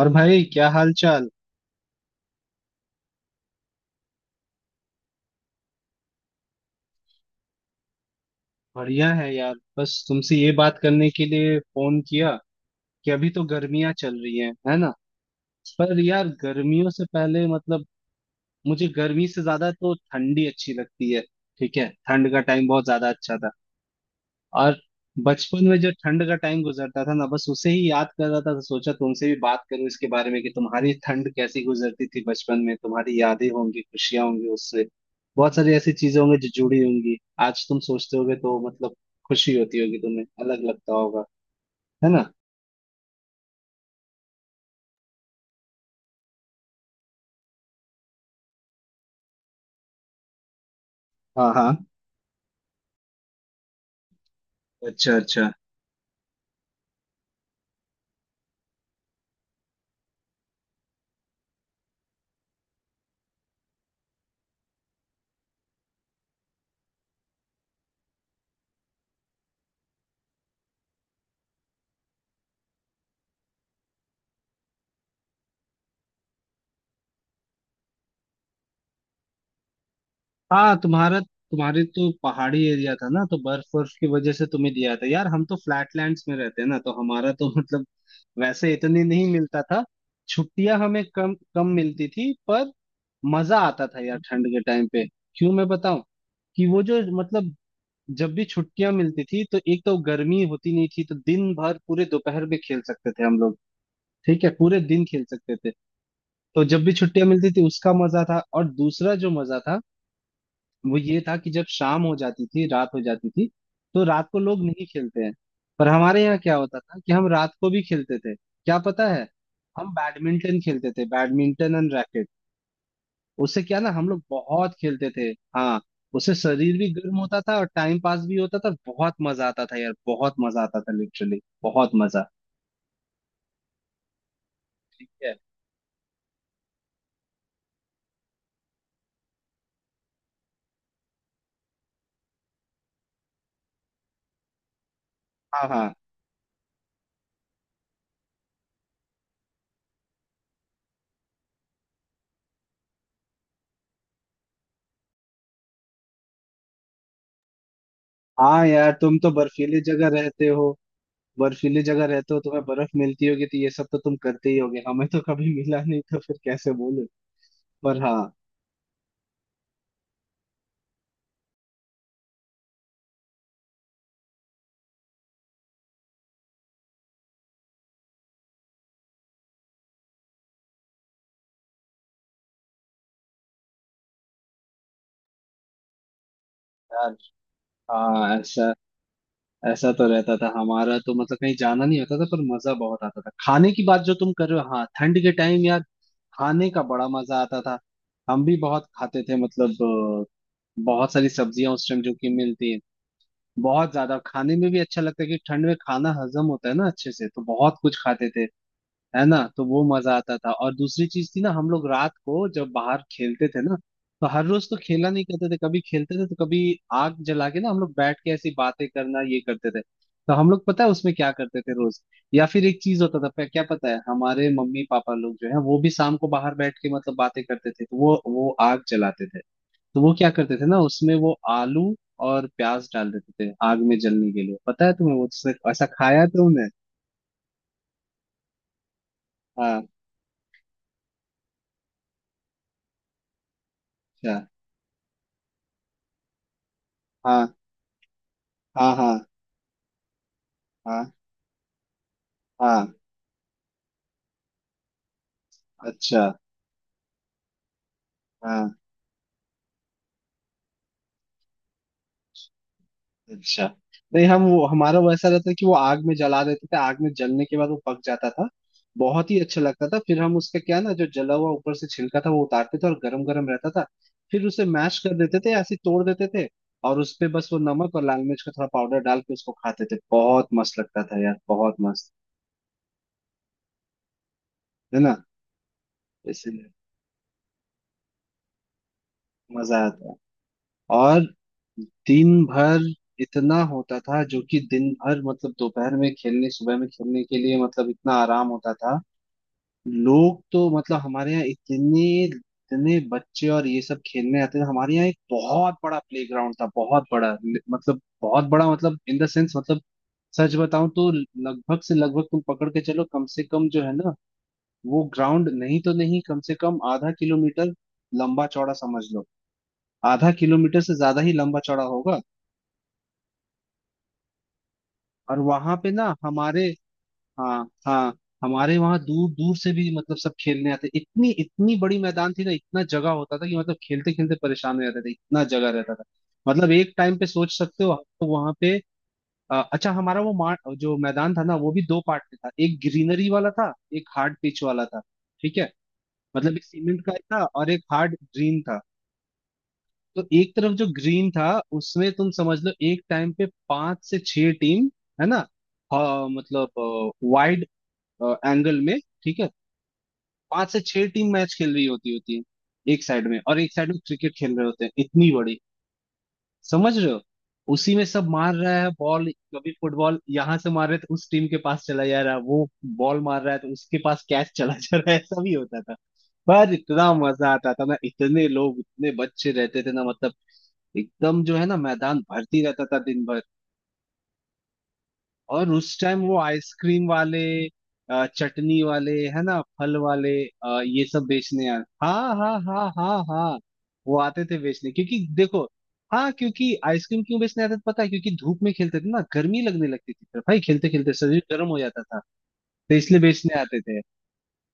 और भाई क्या हाल चाल। बढ़िया है यार, बस तुमसे ये बात करने के लिए फोन किया कि अभी तो गर्मियां चल रही हैं, है ना। पर यार गर्मियों से पहले मुझे गर्मी से ज्यादा तो ठंडी अच्छी लगती है। ठीक है, ठंड का टाइम बहुत ज्यादा अच्छा था। और बचपन में जो ठंड का टाइम गुजरता था ना, बस उसे ही याद कर रहा था, तो सोचा तुमसे भी बात करूं इसके बारे में कि तुम्हारी ठंड कैसी गुजरती थी बचपन में, तुम्हारी यादें होंगी, खुशियां होंगी उससे, बहुत सारी ऐसी चीजें होंगी जो जुड़ी होंगी। आज तुम सोचते होगे तो खुशी होती होगी तुम्हें, अलग लगता होगा, है ना। हाँ हाँ। अच्छा अच्छा। हाँ, तुम्हारा तुम्हारे तो पहाड़ी एरिया था ना, तो बर्फ बर्फ की वजह से तुम्हें दिया था यार। हम तो फ्लैटलैंड्स में रहते हैं ना, तो हमारा तो मतलब वैसे इतने नहीं मिलता था। छुट्टियां हमें कम कम मिलती थी, पर मजा आता था यार ठंड के टाइम पे। क्यों मैं बताऊं कि वो जो जब भी छुट्टियां मिलती थी, तो एक तो गर्मी होती नहीं थी, तो दिन भर पूरे दोपहर में खेल सकते थे हम लोग। ठीक है, पूरे दिन खेल सकते थे। तो जब भी छुट्टियां मिलती थी उसका मजा था, और दूसरा जो मजा था वो ये था कि जब शाम हो जाती थी, रात हो जाती थी, तो रात को लोग नहीं खेलते हैं, पर हमारे यहाँ क्या होता था कि हम रात को भी खेलते थे, क्या पता है। हम बैडमिंटन खेलते थे, बैडमिंटन एंड रैकेट। उससे क्या ना हम लोग बहुत खेलते थे। हाँ, उससे शरीर भी गर्म होता था और टाइम पास भी होता था, बहुत मजा आता था यार, बहुत मजा आता था, लिटरली बहुत मजा। ठीक है। हाँ हाँ। हाँ यार, तुम तो बर्फीली जगह रहते हो, बर्फीली जगह रहते हो, तुम्हें बर्फ मिलती होगी, तो ये सब तो तुम करते ही होगे, हमें तो कभी मिला नहीं, तो फिर कैसे बोलूं। पर हाँ यार। हाँ ऐसा, ऐसा तो रहता था हमारा तो, कहीं जाना नहीं होता था, पर मजा बहुत आता था। खाने की बात जो तुम कर रहे हो, हाँ ठंड के टाइम यार, खाने का बड़ा मजा आता था, हम भी बहुत खाते थे। अ, बहुत सारी सब्जियां उस टाइम जो कि मिलती हैं, बहुत ज्यादा खाने में भी अच्छा लगता है कि ठंड में खाना हजम होता है ना अच्छे से, तो बहुत कुछ खाते थे। है ना, तो वो मजा आता था। और दूसरी चीज थी ना, हम लोग रात को जब बाहर खेलते थे ना, तो हर रोज तो खेला नहीं करते थे, कभी खेलते थे तो कभी आग जला के ना हम लोग बैठ के ऐसी बातें करना ये करते थे। तो हम लोग पता है उसमें क्या करते थे रोज, या फिर एक चीज होता था क्या पता है, हमारे मम्मी पापा लोग जो है वो भी शाम को बाहर बैठ के बातें करते थे, तो वो आग जलाते थे, तो वो क्या करते थे ना उसमें, वो आलू और प्याज डाल देते थे आग में जलने के लिए। पता है तुम्हें वो, ऐसा खाया है तुमने। हाँ अच्छा। हाँ हाँ हाँ हाँ हाँ। अच्छा हाँ अच्छा, नहीं हम वो हमारा वैसा रहता है कि वो आग में जला देते थे, आग में जलने के बाद वो पक जाता था, बहुत ही अच्छा लगता था, फिर हम उसका क्या ना जो जला हुआ ऊपर से छिलका था वो उतारते थे, और गरम गरम रहता था, फिर उसे मैश कर देते थे, ऐसे ही तोड़ देते थे, और उस पे बस वो नमक और लाल मिर्च का थोड़ा पाउडर डाल के उसको खाते थे। बहुत मस्त लगता था यार, बहुत मस्त, है ना। इसलिए मजा आता है। और दिन भर इतना होता था, जो कि दिन भर दोपहर में खेलने, सुबह में खेलने के लिए इतना आराम होता था। लोग तो हमारे यहाँ इतने इतने बच्चे और ये सब खेलने आते थे। हमारे यहाँ एक बहुत बड़ा प्ले ग्राउंड था, बहुत बड़ा मतलब बहुत बड़ा, मतलब इन द सेंस, सच बताऊं तो लगभग तुम पकड़ के चलो, कम से कम जो है ना, वो ग्राउंड नहीं तो नहीं, कम से कम आधा किलोमीटर लंबा चौड़ा समझ लो, आधा किलोमीटर से ज्यादा ही लंबा चौड़ा होगा। और वहां पे ना हमारे, हाँ हाँ, हमारे वहां दूर दूर से भी सब खेलने आते, इतनी इतनी बड़ी मैदान थी ना, इतना जगह होता था कि खेलते खेलते परेशान हो जाते थे, इतना जगह रहता था, मतलब एक टाइम पे सोच सकते हो। तो वहां पे अच्छा हमारा वो जो मैदान था ना, वो भी दो पार्ट में था, एक ग्रीनरी वाला था, एक हार्ड पिच वाला था। ठीक है, मतलब एक सीमेंट का था और एक हार्ड ग्रीन था। तो एक तरफ जो ग्रीन था उसमें तुम समझ लो एक टाइम पे पांच से छह टीम, है ना, हाँ, मतलब वाइड एंगल में, ठीक है, पांच से छह टीम मैच खेल रही होती होती है एक साइड में, और एक साइड में क्रिकेट खेल रहे होते हैं इतनी बड़ी, समझ रहे हो, उसी में सब मार रहा है बॉल, कभी फुटबॉल यहाँ से मार रहे तो उस टीम के पास चला जा रहा है, वो बॉल मार रहा है तो उसके पास कैच चला जा रहा है, ऐसा भी होता था। पर इतना मजा आता था ना, इतने लोग इतने बच्चे रहते थे ना, मतलब एकदम जो है ना मैदान भरती रहता था दिन भर। और उस टाइम वो आइसक्रीम वाले, चटनी वाले है ना, फल वाले, ये सब बेचने यार। हाँ हाँ हाँ हाँ हाँ, वो आते थे बेचने, क्योंकि देखो, हाँ क्योंकि आइसक्रीम क्यों बेचने आते थे पता है, क्योंकि धूप में खेलते थे ना, गर्मी लगने लगती थी, फिर भाई खेलते खेलते शरीर गर्म हो जाता था, तो इसलिए बेचने आते थे।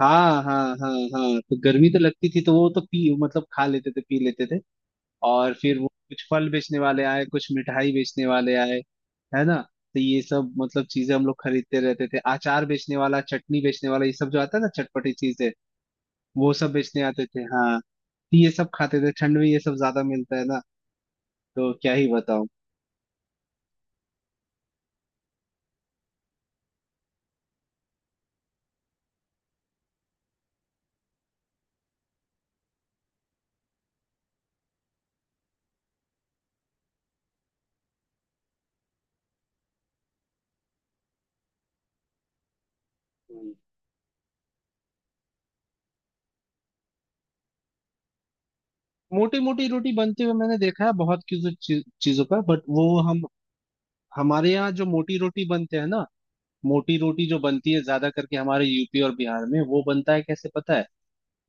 हाँ हाँ हाँ हाँ, तो गर्मी तो लगती थी तो वो तो पी खा लेते थे, पी लेते थे। और फिर वो कुछ फल बेचने वाले आए, कुछ मिठाई बेचने वाले आए, है ना, तो ये सब चीजें हम लोग खरीदते रहते थे, अचार बेचने वाला, चटनी बेचने वाला, ये सब जो आता है ना, चटपटी चीजें, वो सब बेचने आते थे। हाँ, तो ये सब खाते थे ठंड में, ये सब ज्यादा मिलता है ना, तो क्या ही बताऊं। मोटी मोटी रोटी बनते हुए मैंने देखा है बहुत किसी चीजों का, बट वो हम हमारे यहाँ जो मोटी रोटी बनते हैं ना, मोटी रोटी जो बनती है ज्यादा करके हमारे यूपी और बिहार में, वो बनता है कैसे पता है,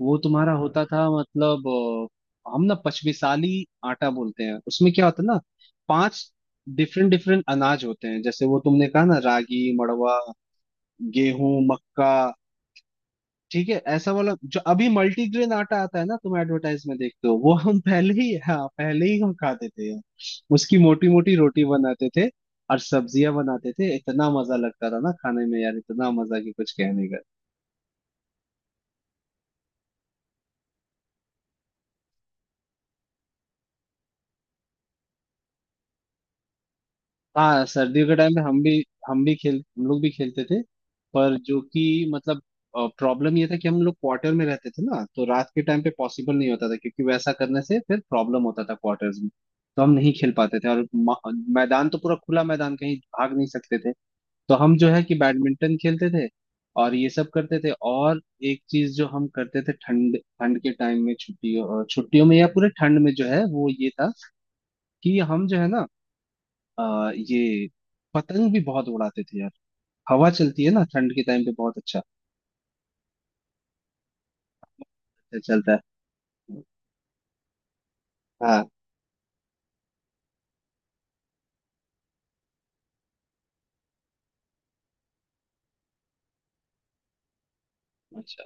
वो तुम्हारा होता था मतलब, हम ना पचमिसाली आटा बोलते हैं, उसमें क्या होता है ना, पांच डिफरेंट डिफरेंट अनाज होते हैं, जैसे वो तुमने कहा ना रागी मड़वा, गेहूं मक्का, ठीक है, ऐसा वाला जो अभी मल्टीग्रेन आटा आता है ना, तुम एडवर्टाइज में देखते हो, वो हम पहले ही, हाँ पहले ही हम खाते थे यार, उसकी मोटी मोटी रोटी बनाते थे और सब्जियां बनाते थे, इतना मजा लगता था ना खाने में यार, इतना मजा कि कुछ कहने का। हाँ सर्दियों के टाइम पे हम भी, हम भी खेल, हम लोग भी खेलते थे, पर जो कि मतलब प्रॉब्लम ये था कि हम लोग क्वार्टर में रहते थे ना, तो रात के टाइम पे पॉसिबल नहीं होता था, क्योंकि वैसा करने से फिर प्रॉब्लम होता था क्वार्टर्स में, तो हम नहीं खेल पाते थे। और मैदान तो पूरा खुला मैदान, कहीं भाग नहीं सकते थे, तो हम जो है कि बैडमिंटन खेलते थे और ये सब करते थे। और एक चीज जो हम करते थे ठंड ठंड के टाइम में, छुट्टियों छुट्टियों में, या पूरे ठंड में जो है वो ये था कि हम जो है ना ये पतंग भी बहुत उड़ाते थे यार, हवा चलती है ना ठंड के टाइम पे, बहुत अच्छा चलता है। हाँ अच्छा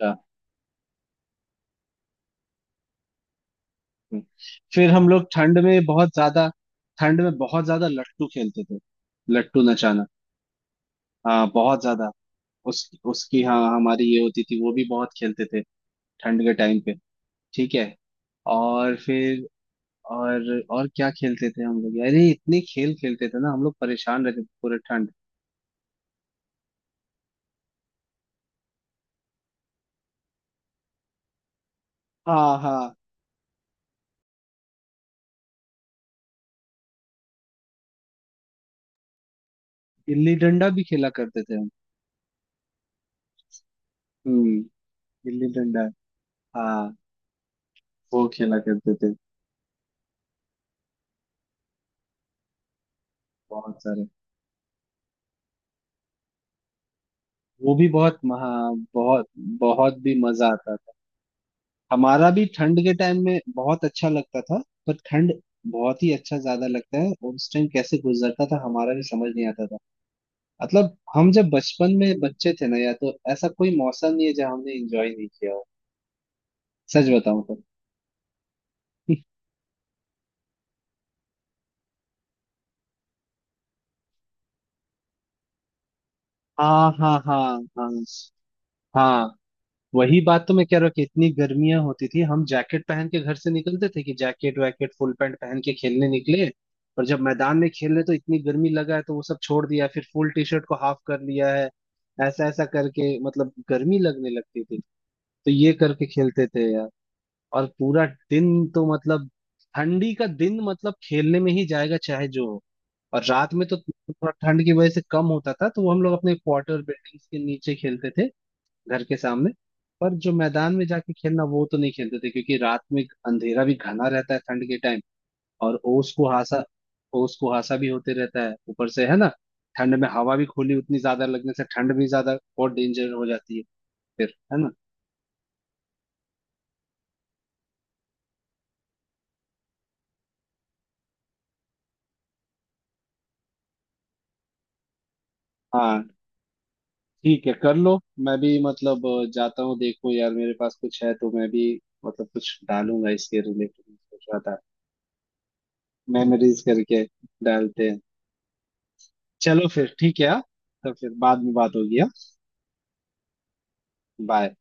अच्छा, हम्म। फिर हम लोग ठंड में बहुत ज्यादा, ठंड में बहुत ज्यादा लट्टू खेलते थे, लट्टू नचाना, हाँ बहुत ज्यादा, उस उसकी हाँ हमारी ये होती थी, वो भी बहुत खेलते थे ठंड के टाइम पे, ठीक है। और फिर, और और क्या खेलते थे हम लोग, अरे इतने खेल खेलते थे ना हम लोग, परेशान रहते थे पूरे ठंड। हाँ हाँ गिल्ली डंडा भी खेला करते थे, हम गिल्ली डंडा हाँ, वो खेला करते थे, बहुत सारे। वो भी बहुत महा, बहुत, बहुत भी मजा आता था। हमारा भी ठंड के टाइम में बहुत अच्छा लगता था, पर ठंड बहुत ही अच्छा ज्यादा लगता है, और उस टाइम कैसे गुजरता था हमारा भी समझ नहीं आता था, मतलब हम जब बचपन में बच्चे थे ना, या तो ऐसा कोई मौसम नहीं है जहाँ हमने एंजॉय नहीं किया हो, सच बताऊं तो हाँ हाँ हाँ हाँ हाँ, वही बात तो मैं कह रहा हूँ, कि इतनी गर्मियां होती थी हम जैकेट पहन के घर से निकलते थे, कि जैकेट वैकेट फुल पैंट पहन के खेलने निकले, और जब मैदान में खेल रहे तो इतनी गर्मी लगा है तो वो सब छोड़ दिया, फिर फुल टी शर्ट को हाफ कर लिया है, ऐसा ऐसा करके गर्मी लगने लगती थी, तो ये करके खेलते थे यार। और पूरा दिन, तो ठंडी का दिन मतलब खेलने में ही जाएगा चाहे जो हो, और रात में तो थोड़ा ठंड की वजह से कम होता था, तो वो हम लोग अपने क्वार्टर बिल्डिंग्स के नीचे खेलते थे, घर के सामने, पर जो मैदान में जाके खेलना वो तो नहीं खेलते थे, क्योंकि रात में अंधेरा भी घना रहता है ठंड के टाइम, और ओस कुहासा, ओस कुहासा भी होते रहता है ऊपर से है ना, ठंड में हवा भी खुली उतनी ज्यादा लगने से ठंड भी ज्यादा और डेंजर हो जाती है फिर, है ना। हाँ ठीक है कर लो, मैं भी जाता हूँ, देखो यार मेरे पास कुछ है तो मैं भी कुछ डालूंगा, इसके रिलेटेड सोच रहा था, मेमोरीज करके डालते हैं। चलो फिर ठीक है हाँ? तो फिर बाद में बात होगी, हाँ बाय।